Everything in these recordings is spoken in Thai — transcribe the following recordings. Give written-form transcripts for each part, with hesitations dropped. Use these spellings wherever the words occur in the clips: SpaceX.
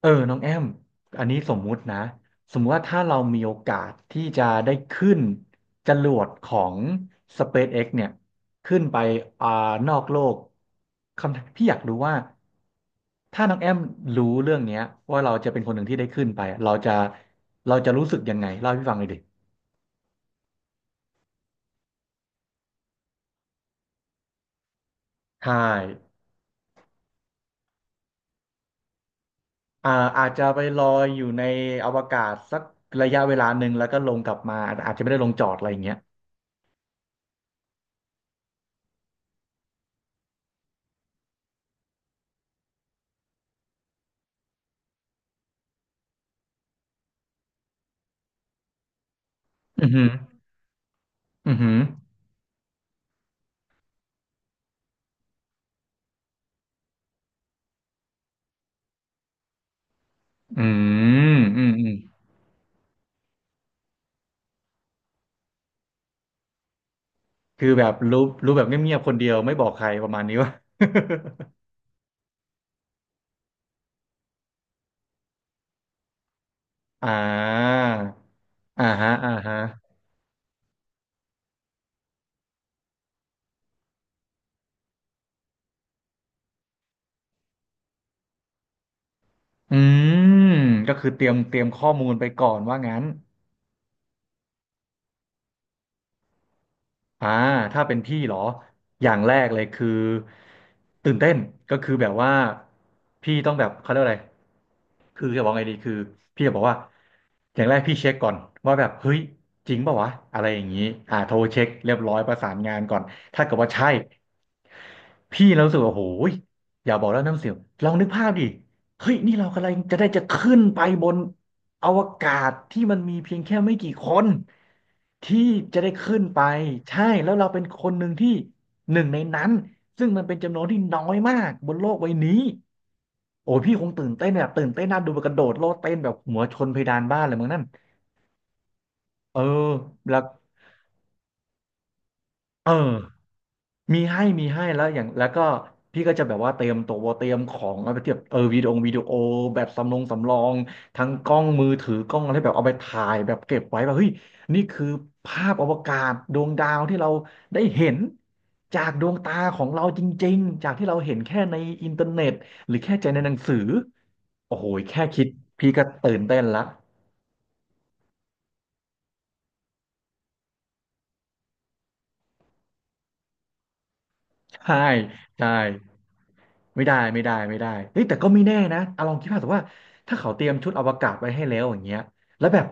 เออน้องแอมอันนี้สมมุตินะสมมุติว่าถ้าเรามีโอกาสที่จะได้ขึ้นจรวดของ SpaceX เนี่ยขึ้นไปอ่านอกโลกคำพี่อยากรู้ว่าถ้าน้องแอมรู้เรื่องเนี้ยว่าเราจะเป็นคนหนึ่งที่ได้ขึ้นไปเราจะรู้สึกยังไงเล่าให้พี่ฟังเลยดิใช่อ่าอาจจะไปลอยอยู่ในอวกาศสักระยะเวลาหนึ่งแล้วก็ลงกลับมาอาจจะไม่ได้ลงจอดอะไรอย่างเงี้ยอือหืออือหือ อืมอืมคือแบบรู้แบบเงียบๆคนเดียวไม่บอกใครประมาณนี้วะ อ่าอ่าฮะอ่าฮะอืมก็คือเตรียมข้อมูลไปก่อนว่างั้นอ่าถ้าเป็นพี่เหรออย่างแรกเลยคือตื่นเต้นก็คือแบบว่าพี่ต้องแบบเขาเรียกว่าอะไรคือจะบอกไงดีคือพี่จะบอกว่าอย่างแรกพี่เช็คก่อนว่าแบบเฮ้ยจริงเปล่าวะอะไรอย่างนี้โทรเช็คเรียบร้อยประสานงานก่อนถ้าเกิดว่าใช่ พี่เรารู้สึกว่าโอ้ยอย่าบอกแล้วน้ำเสียงลองนึกภาพดิเฮ้ยนี่เรากำลังจะได้จะขึ้นไปบนอวกาศที่มันมีเพียงแค่ไม่กี่คนที่จะได้ขึ้นไปใช่แล้วเราเป็นคนหนึ่งที่หนึ่งในนั้นซึ่งมันเป็นจำนวนที่น้อยมากบนโลกใบนี้โอ้ยพี่คงตื่นเต้นแบบตื่นเต้นน่าดูแบบกระโดดโลดเต้นแบบหัวชนเพดานบ้านเลยมั้งนั่นเออแล้วเออ มีให้แล้วอย่างแล้วก็พี่ก็จะแบบว่าเตรียมตัวเตรียมของเอาไปเทียบเออวิดีโอแบบสำรองทั้งกล้องมือถือกล้องอะไรแบบเอาไปถ่ายแบบเก็บไว้แบบเฮ้ยนี่คือภาพอวกาศดวงดาวที่เราได้เห็นจากดวงตาของเราจริงๆจากที่เราเห็นแค่ในอินเทอร์เน็ตหรือแค่ใจในหนังสือโอ้โหแค่คิดพี่ก็ตื่นเต้นละใช่ใช่ ไม่ได้เฮ้ยแต่ก็ไม่แน่นะเอาลองคิดภาพแต่ว่าถ้าเขาเตรียมชุดอวกาศไว้ให้แล้วอย่างเงี้ยแล้วแบบ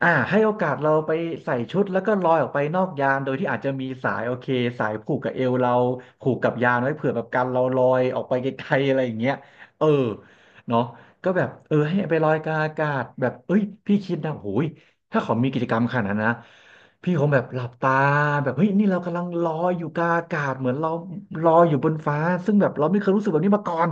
ให้โอกาสเราไปใส่ชุดแล้วก็ลอยออกไปนอกยานโดยที่อาจจะมีสายโอเคสายผูกกับเอวเราผูกกับยานไว้เผื่อแบบกันเราลอยออกไปไกลๆอะไรอย่างเงี้ยเออเนาะก็แบบเออให้ไปลอยกลางอากาศแบบเอ้ยพี่คิดนะโอ้ยถ้าเขามีกิจกรรมขนาดนั้นนะ พี่คงแบบหลับตาแบบเฮ้ยนี่เรากำลังลอยอยู่กลางอากาศเหมือนเราลอยอยู่บนฟ้าซึ่งแบบเราไม่เคยรู้สึกแบบนี้มาก่อน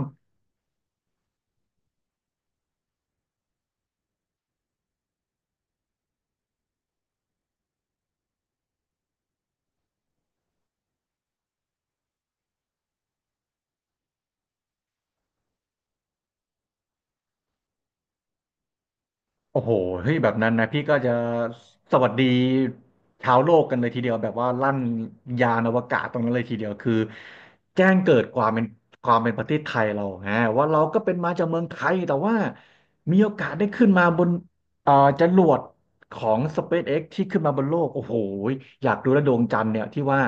โอ้โหเฮ้ยแบบนั้นนะพี่ก็จะสวัสดีชาวโลกกันเลยทีเดียวแบบว่าลั่นยานอวกาศตรงนั้นเลยทีเดียวคือแจ้งเกิดความเป็นความเป็นประเทศไทยเราฮะว่าเราก็เป็นมาจากเมืองไทยแต่ว่ามีโอกาสได้ขึ้นมาบนเอ่อจรวดของ SpaceX ที่ขึ้นมาบนโลกโอ้โหอยากดูแลวดวงจันทร์เนี่ยที่ว่า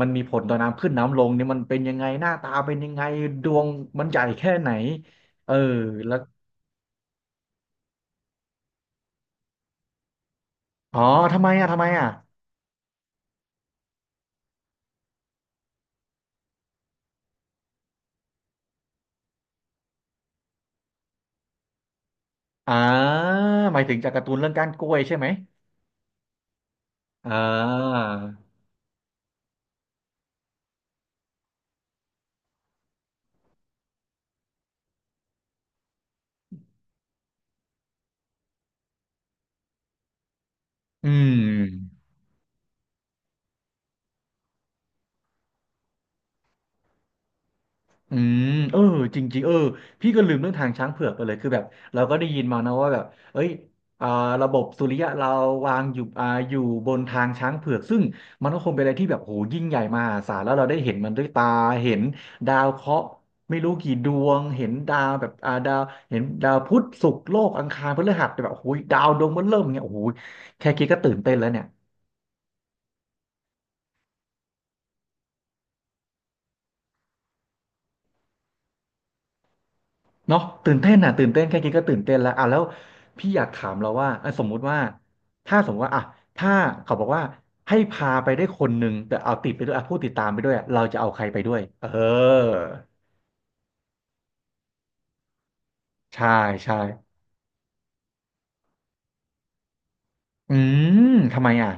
มันมีผลต่อน้ำขึ้นน้ำลงเนี่ยมันเป็นยังไงหน้าตาเป็นยังไงดวงมันใหญ่แค่ไหนเออแล้วอ๋อทำไมอ่ะทำไมอ่ะ อ่าหมายถึงจากการ์ตูนเรื่องก้านกล้วยใช่ไหมอ่าอืมอืมเออจริงๆเออพี่ก็ลืมเรื่องทางช้างเผือกไปเลยคือแบบเราก็ได้ยินมานะว่าแบบเอ้ยอ่าระบบสุริยะเราวางอยู่อยู่บนทางช้างเผือกซึ่งมันก็คงเป็นอะไรที่แบบโหยิ่งใหญ่มหาศาลแล้วเราได้เห็นมันด้วยตาเห็นดาวเคราะห์ไม่รู้กี่ดวงเห็นดาวแบบดาวเห็นดาวพุธศุกร์โลกอังคารพฤหัสแต่แบบโอ้ยดาวดวงมันเริ่มอย่างเงี้ยโอ้ยแค่คิดก็ตื่นเต้นแล้วเนี่ย เนาะตื่นเต้นอ่ะตื่นเต้นแค่คิดก็ตื่นเต้นแล้วอ่ะแล้วพี่อยากถามเราว่าอ่ะสมมุติว่าถ้าสมมติว่าอ่ะถ้าเขาบอกว่าให้พาไปได้คนหนึ่งแต่เอาติดไปด้วยอ่ะผู้ติดตามไปด้วยอะเราจะเอาใครไปด้วยเออใช่ใช่อืมทำไมอ่ะ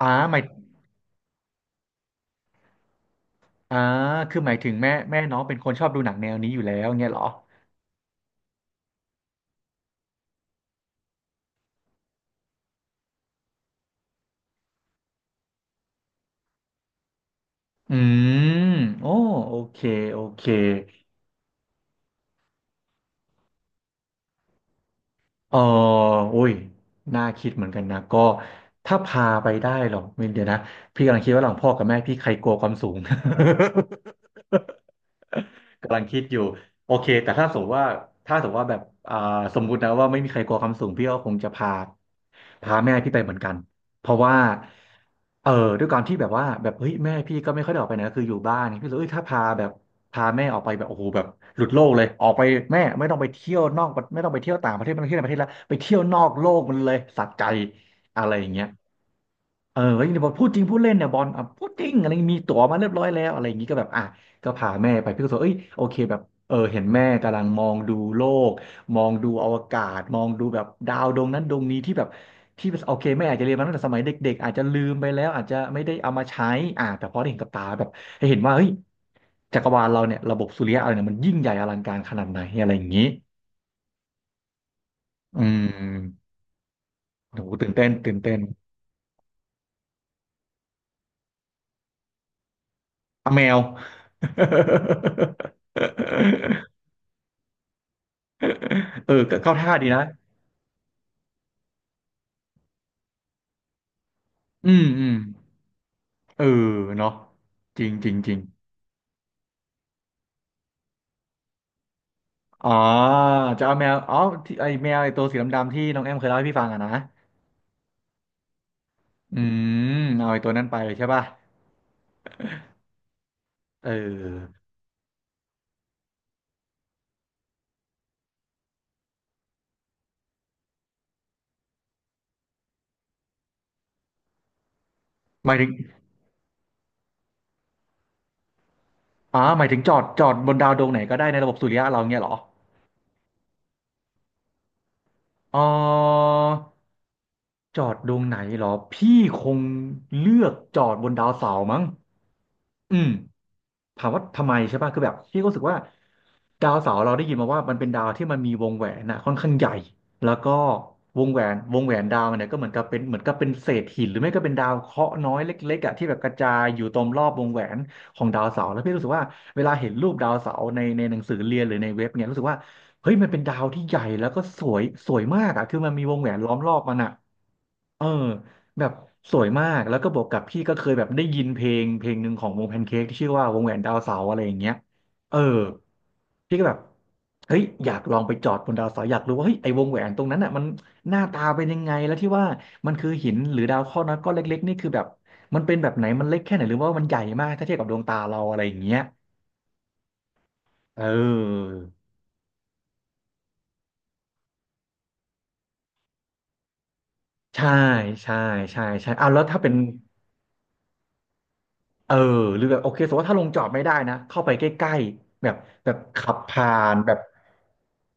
อ่าหมายอ่าคือหมายถึงแม่แม่น้องเป็นคนชอบดูหนังแนวนี้อยู่แล้วเงี้ยเหรออืมโอ้โอเคโอเค เอออุ้ย น่าคิดเหมือนกันนะ ก็ถ้าพาไปได้หรอไม่เดี๋ยวนะพี่กำลังคิดว่าหลังพ่อกับแม่พี่ใครกลัวความสูง กำลังคิดอยู่โอเคแต่ถ้าสมมติว่าถ้าสมมติว่าแบบอ่าสมมุตินะว่าไม่มีใครกลัวความสูงพี่ก็คงจะพาแม่พี่ไปเหมือนกันเพราะว่าเออด้วยการที่แบบว่าแบบเฮ้ยแม่พี่ก็ไม่ค่อยได้ออกไปไหนก็คืออยู่บ้านพี่เลยเอ้ยถ้าพาแบบพาแม่ออกไปแบบโอ้โหแบบหลุดโลกเลยออกไปแม่ไม่ต้องไปเที่ยวนอกประไม่ต้องไปเที่ยวต่างประเทศไม่ต้องไปเที่ยวในประเทศแล้วไปเที่ยวนอกโลกมันเลยสะใจอะไรอย่างเงี้ย เออก็ยังบอกพูดจริงพูดเล่นเนี่ยบอลอ่ะพูดจริงอะไรอย่างงี้มีตั๋วมาเรียบร้อยแล้วอะไรอย่างงี้ก็แบบอ่ะก็พาแม่ไปพี่ก็บอกเอ้ยโอเคแบบเออเห็นแม่กำลังมองดูโลกมองดูอวกาศมองดูแบบดาวดวงนั้นดวงนี้ที่แบบที่โอเคแม่อาจจะเรียนมาตั้งแต่สมัยเด็กๆอาจจะลืมไปแล้วอาจจะไม่ได้เอามาใช้อ่ะแต่พอได้เห็นกับตาแบบให้เห็นว่าเฮ้ยจักรวาลเราเนี่ยระบบสุริยะเราเนี่ยมันยิ่งใหญ่อลังการขนาดไหนอะไรอย่างงี้อืมโหตื่นเต้นตื่นเต้นอ่ะแมว เออก็เข้าท่าดีนะอืมอืมเออเนาะจริงจริงจริงอ๋อจะเอาแมวอ๋อที่ไอแมวไอตัวสีดำๆที่น้องแอมเคยเล่าให้พี่ฟังอะนะอืมเอาไอตัวนั้นไปใช่ป่ะเออหมายถึงอ๋อหมายถึงจอดบนดาวดวงไหนก็ได้ในระบบสุริยะเราเงี้ยเหรออ๋อจอดดวงไหนเหรอ พี่คงเลือกจอดบนดาวเสาร์มั้งอืม ถามว่าทำไมใช่ป่ะคือแบบพี่ก็รู้สึกว่าดาวเสาร์เราได้ยินมาว่ามันเป็นดาวที่มันมีวงแหวนนะค่อนข้างใหญ่แล้วก็วงแหวนดาวมันเนี่ยก็เหมือนกับเป็นเหมือนกับเป็นเศษหินหรือไม่ก็เป็นดาวเคราะห์น้อยเล็กๆอ่ะที่แบบกระจายอยู่ตรงรอบวงแหวนของดาวเสาร์แล้วพี่รู้สึกว่าเวลาเห็นรูปดาวเสาร์ในหนังสือเรียนหรือในเว็บเนี่ยรู้สึกว่าเฮ้ยมันเป็นดาวที่ใหญ่แล้วก็สวยสวยมากอ่ะคือมันมีวงแหวนล้อมรอบมันอ่ะ เออแบบสวยมากแล้วก็บวกกับพี่ก็เคยแบบได้ยินเพลงเพลงหนึ่งของวงแพนเค้กที่ชื่อว่าวงแหวนดาวเสาร์อะไรอย่างเงี้ยเออพี่ก็แบบเฮ้ยอยากลองไปจอดบนดาวเสาร์อยากรู้ว่าเฮ้ยไอ้วงแหวนตรงนั้นอ่ะมันหน้าตาเป็นยังไงแล้วที่ว่ามันคือหินหรือดาวเคราะห์น้อยก้อนเล็กๆนี่คือแบบมันเป็นแบบไหนมันเล็กแค่ไหนหรือว่ามันใหญ่มากถ้าเทียบกับดวงตาเราอะไรอย่างเงี้ยเออใช่ใช่ใช่ใช่เอาแล้วถ้าเป็น เออหรือแบบโอเคสมมติว่าถ้าลงจอดไม่ได้นะเข้าไปใกล้ๆแบบขับผ่านแบบ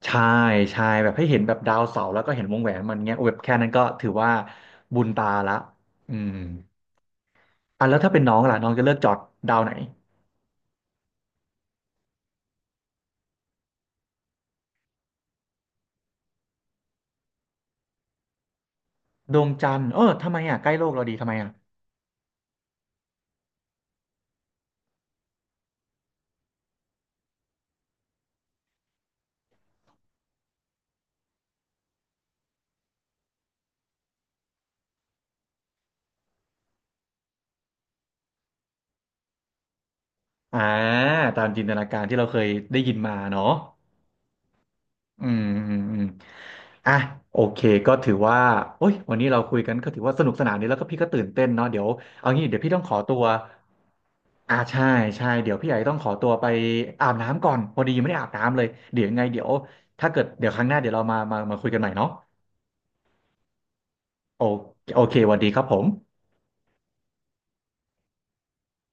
ชาชายแบบให้เห็นแบบดาวเสาร์แล้วก็เห็นวงแหวนมันเงี้ยโอ้แบบแค่นั้นก็ถือว่าบุญตาละอืมอ่ะแล้วถ้าเป็นน้องล่ะน้องจะเลือกจอดดาวไหนดวงจันทร์เออทำไมอ่ะใกล้โลกเราดีทำไมอ่ะอ่าตามจินตนาการที่เราเคยได้ยินมาเนาะ อืมอืมอืมอ่ะโอเคก็ถือว่าโอ้ยวันนี้เราคุยกันก็ถือว่าสนุกสนานดีแล้วก็พี่ก็ตื่นเต้นเนาะเดี๋ยวเอางี้เดี๋ยวพี่ต้องขอตัวอ่าใช่ใช่เดี๋ยวพี่ใหญ่ต้องขอตัวไปอาบน้ำก่อนพอดียังไม่ได้อาบน้ำเลยเดี๋ยวยังไงเดี๋ยวถ้าเกิดเดี๋ยวครั้งหน้าเดี๋ยวเรามาคุยกันใหม่เนาะโอโอเคสวัสดีครับผม